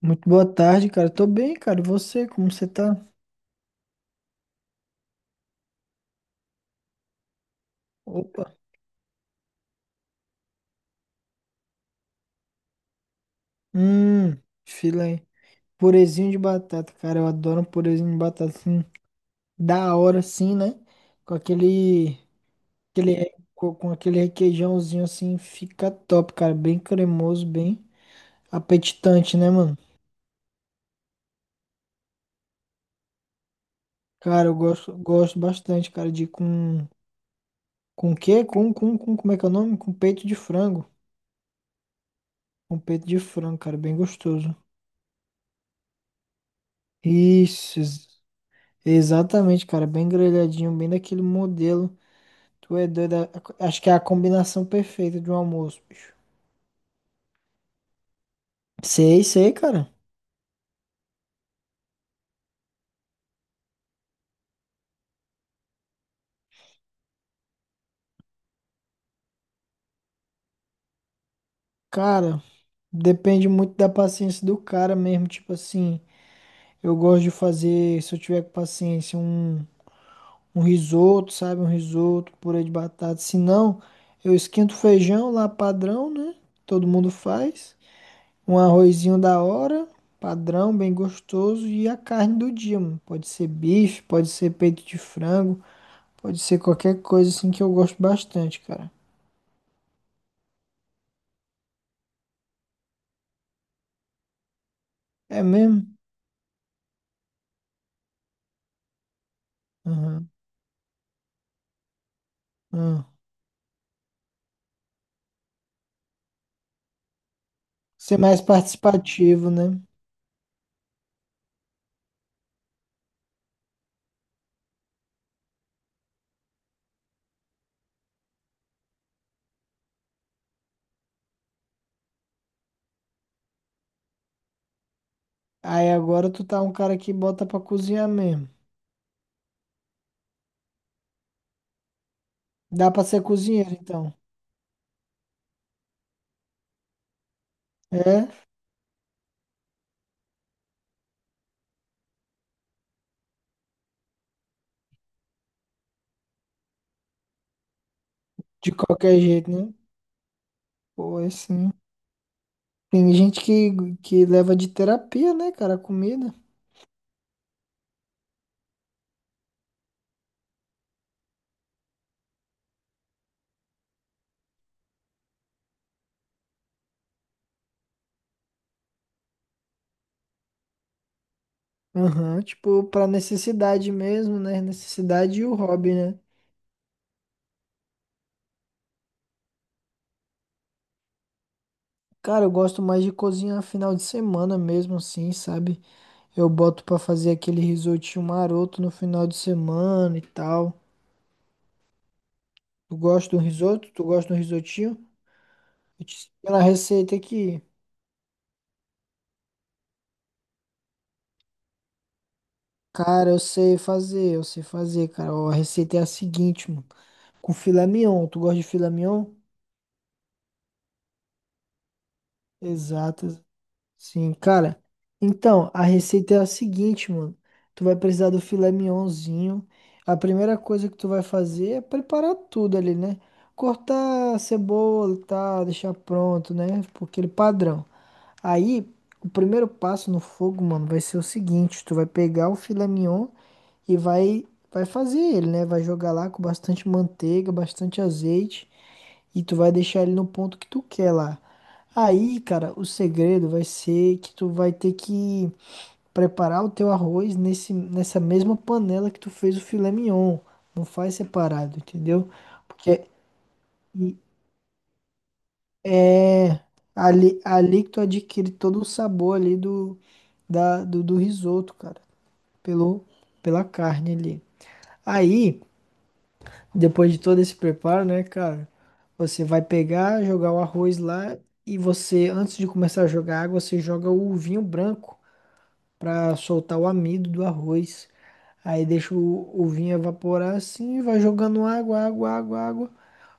Muito boa tarde, cara. Tô bem, cara. E você, como você tá? Opa. Hum, fila aí. Purezinho de batata, cara. Eu adoro um purezinho de batata assim, da hora assim, né? Com aquele, aquele re- co- com aquele requeijãozinho assim, fica top, cara. Bem cremoso, bem apetitante, né, mano? Cara, eu gosto, gosto bastante, cara, de com o quê? Com como é que é o nome? Com peito de frango. Com peito de frango, cara, bem gostoso. Isso, exatamente, cara, bem grelhadinho, bem daquele modelo. Tu é doido, acho que é a combinação perfeita de um almoço, bicho. Sei, sei, cara. Cara, depende muito da paciência do cara mesmo. Tipo assim, eu gosto de fazer, se eu tiver com paciência, um risoto, sabe? Um risoto, purê de batata. Se não, eu esquento o feijão lá padrão, né? Todo mundo faz. Um arrozinho da hora, padrão, bem gostoso. E a carne do dia, mano. Pode ser bife, pode ser peito de frango, pode ser qualquer coisa assim que eu gosto bastante, cara. É mesmo? Aham, aham. Ser mais participativo, né? Aí agora tu tá um cara que bota pra cozinhar mesmo. Dá pra ser cozinheiro, então. É? De qualquer jeito, né? Pô, é sim. Tem gente que leva de terapia, né, cara, a comida. Aham, tipo, pra necessidade mesmo, né? Necessidade e o hobby, né? Cara, eu gosto mais de cozinhar final de semana mesmo, assim, sabe? Eu boto pra fazer aquele risotinho maroto no final de semana e tal. Tu gosta de um risoto? Tu gosta de um risotinho? Eu te ensino a receita aqui. Cara, eu sei fazer, cara. Ó, a receita é a seguinte, mano. Com filé mignon, tu gosta de filé mignon? Exato, sim, cara. Então, a receita é a seguinte, mano. Tu vai precisar do filé mignonzinho. A primeira coisa que tu vai fazer é preparar tudo ali, né? Cortar a cebola e tal, deixar pronto, né? Por aquele padrão. Aí, o primeiro passo no fogo, mano, vai ser o seguinte: tu vai pegar o filé mignon e vai fazer ele, né? Vai jogar lá com bastante manteiga, bastante azeite. E tu vai deixar ele no ponto que tu quer lá. Aí, cara, o segredo vai ser que tu vai ter que preparar o teu arroz nessa mesma panela que tu fez o filé mignon. Não faz separado, entendeu? Porque e- é ali, ali que tu adquire todo o sabor ali do risoto, cara. Pelo, pela carne ali. Aí. Depois de todo esse preparo, né, cara? Você vai pegar, jogar o arroz lá e você, antes de começar a jogar água, você joga o vinho branco pra soltar o amido do arroz. Aí deixa o vinho evaporar assim, e vai jogando água, água, água, água.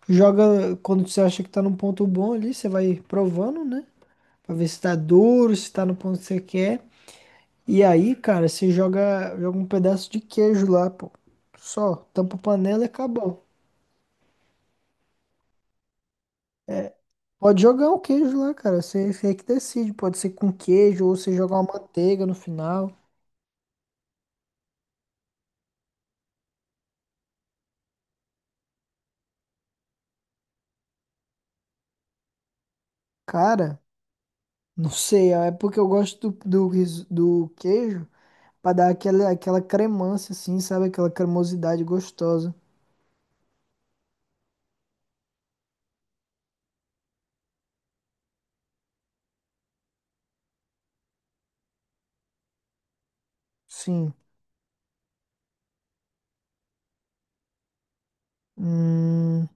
Joga quando você acha que tá num ponto bom ali, você vai provando, né? Pra ver se tá duro, se tá no ponto que você quer. E aí, cara, você joga, joga um pedaço de queijo lá, pô. Só, tampa a panela e acabou. Pode jogar um queijo lá, cara. Você, você é que decide. Pode ser com queijo ou você jogar uma manteiga no final. Cara, não sei. É porque eu gosto do queijo pra dar aquela, aquela cremância, assim, sabe? Aquela cremosidade gostosa. Sim. Hum,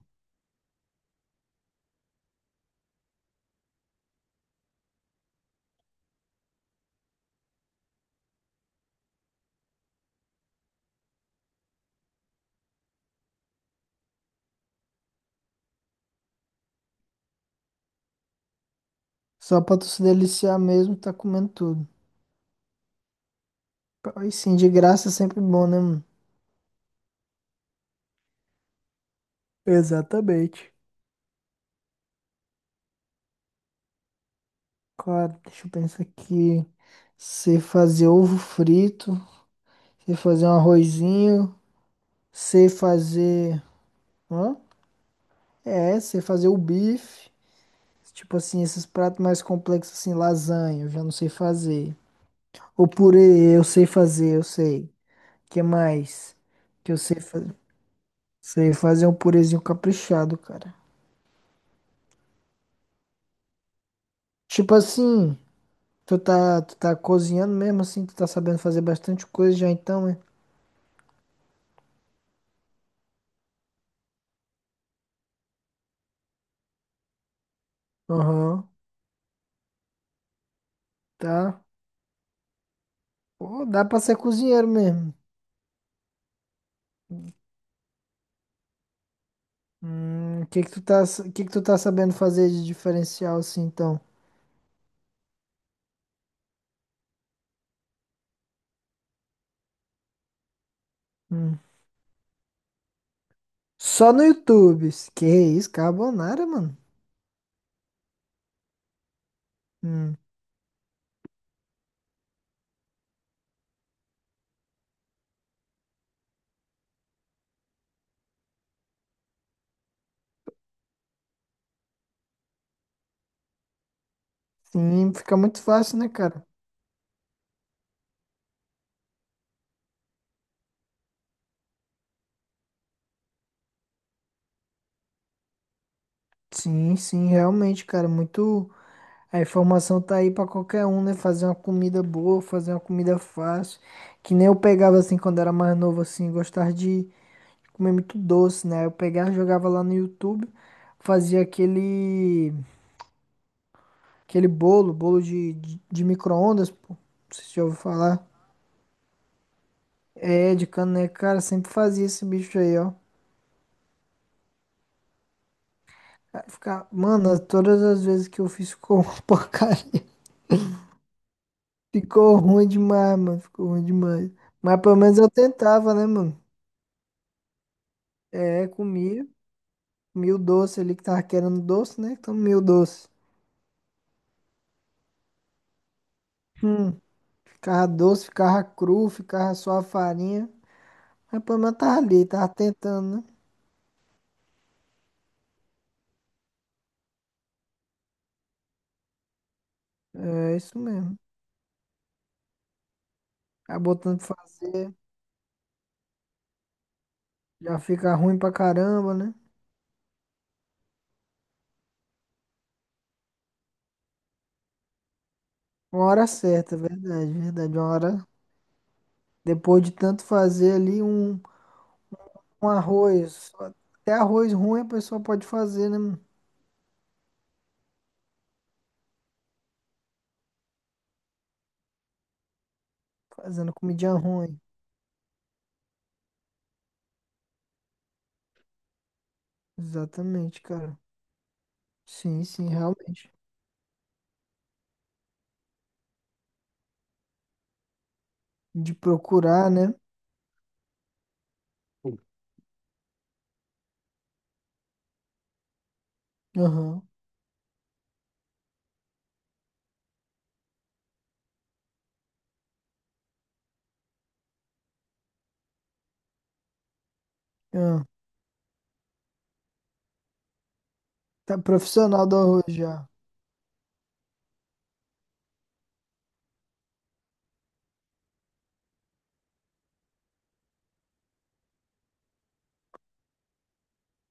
só pra tu se deliciar mesmo, tá comendo tudo. Aí sim, de graça é sempre bom, né, mano? Exatamente. Claro, deixa eu pensar aqui. Você fazer ovo frito, você fazer um arrozinho. Sei fazer. Hã? É, sei fazer o bife. Tipo assim, esses pratos mais complexos, assim, lasanha, eu já não sei fazer. O purê, eu sei fazer, eu sei. Que mais? Que eu sei fazer. Sei fazer um purezinho caprichado, cara. Tipo assim, tu tá cozinhando mesmo assim, tu tá sabendo fazer bastante coisa já então, né? Aham, tá. Pô, dá pra ser cozinheiro mesmo. O que que tu tá, o que que tu tá sabendo fazer de diferencial assim então? Hum. Só no YouTube. Que isso, carbonara, mano. Hum, sim, fica muito fácil, né, cara? Sim, sim, realmente, cara. Muito. A informação tá aí pra qualquer um, né? Fazer uma comida boa, fazer uma comida fácil. Que nem eu pegava assim quando era mais novo, assim, gostava de comer muito doce, né? Eu pegava, jogava lá no YouTube, fazia aquele. Aquele bolo, bolo de micro-ondas, pô. Não sei se já ouviu falar. É, de caneca, cara, sempre fazia esse bicho aí, ó. Vai ficar. Mano, todas as vezes que eu fiz ficou uma porcaria. Ficou ruim demais, mano. Ficou ruim demais. Mas pelo menos eu tentava, né, mano? É, comia. Comia o doce ali que tava querendo doce, né? Então comia o doce. Hum. Ficava doce, ficava cru, ficava só a farinha. Mas pelo menos tava ali, tava tentando, né? É isso mesmo. Tá botando pra fazer. Já fica ruim pra caramba, né? Uma hora certa, verdade, verdade. Uma hora. Depois de tanto fazer ali, um um arroz. Até arroz ruim a pessoa pode fazer, né, mano? Fazendo comidinha ruim. Exatamente, cara. Sim, sim, realmente. De procurar, né? Aham. Ah, tá profissional do arroz já.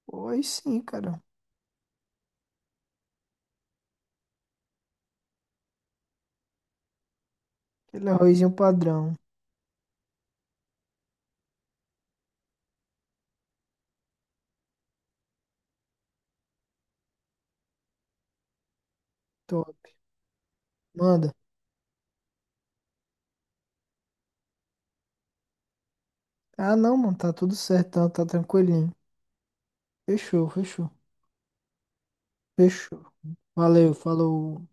Pois sim, cara. Aquele arrozinho padrão. Top. Manda. Ah, não, mano. Tá tudo certo. Tá, tá tranquilinho. Fechou, fechou. Fechou. Valeu, falou.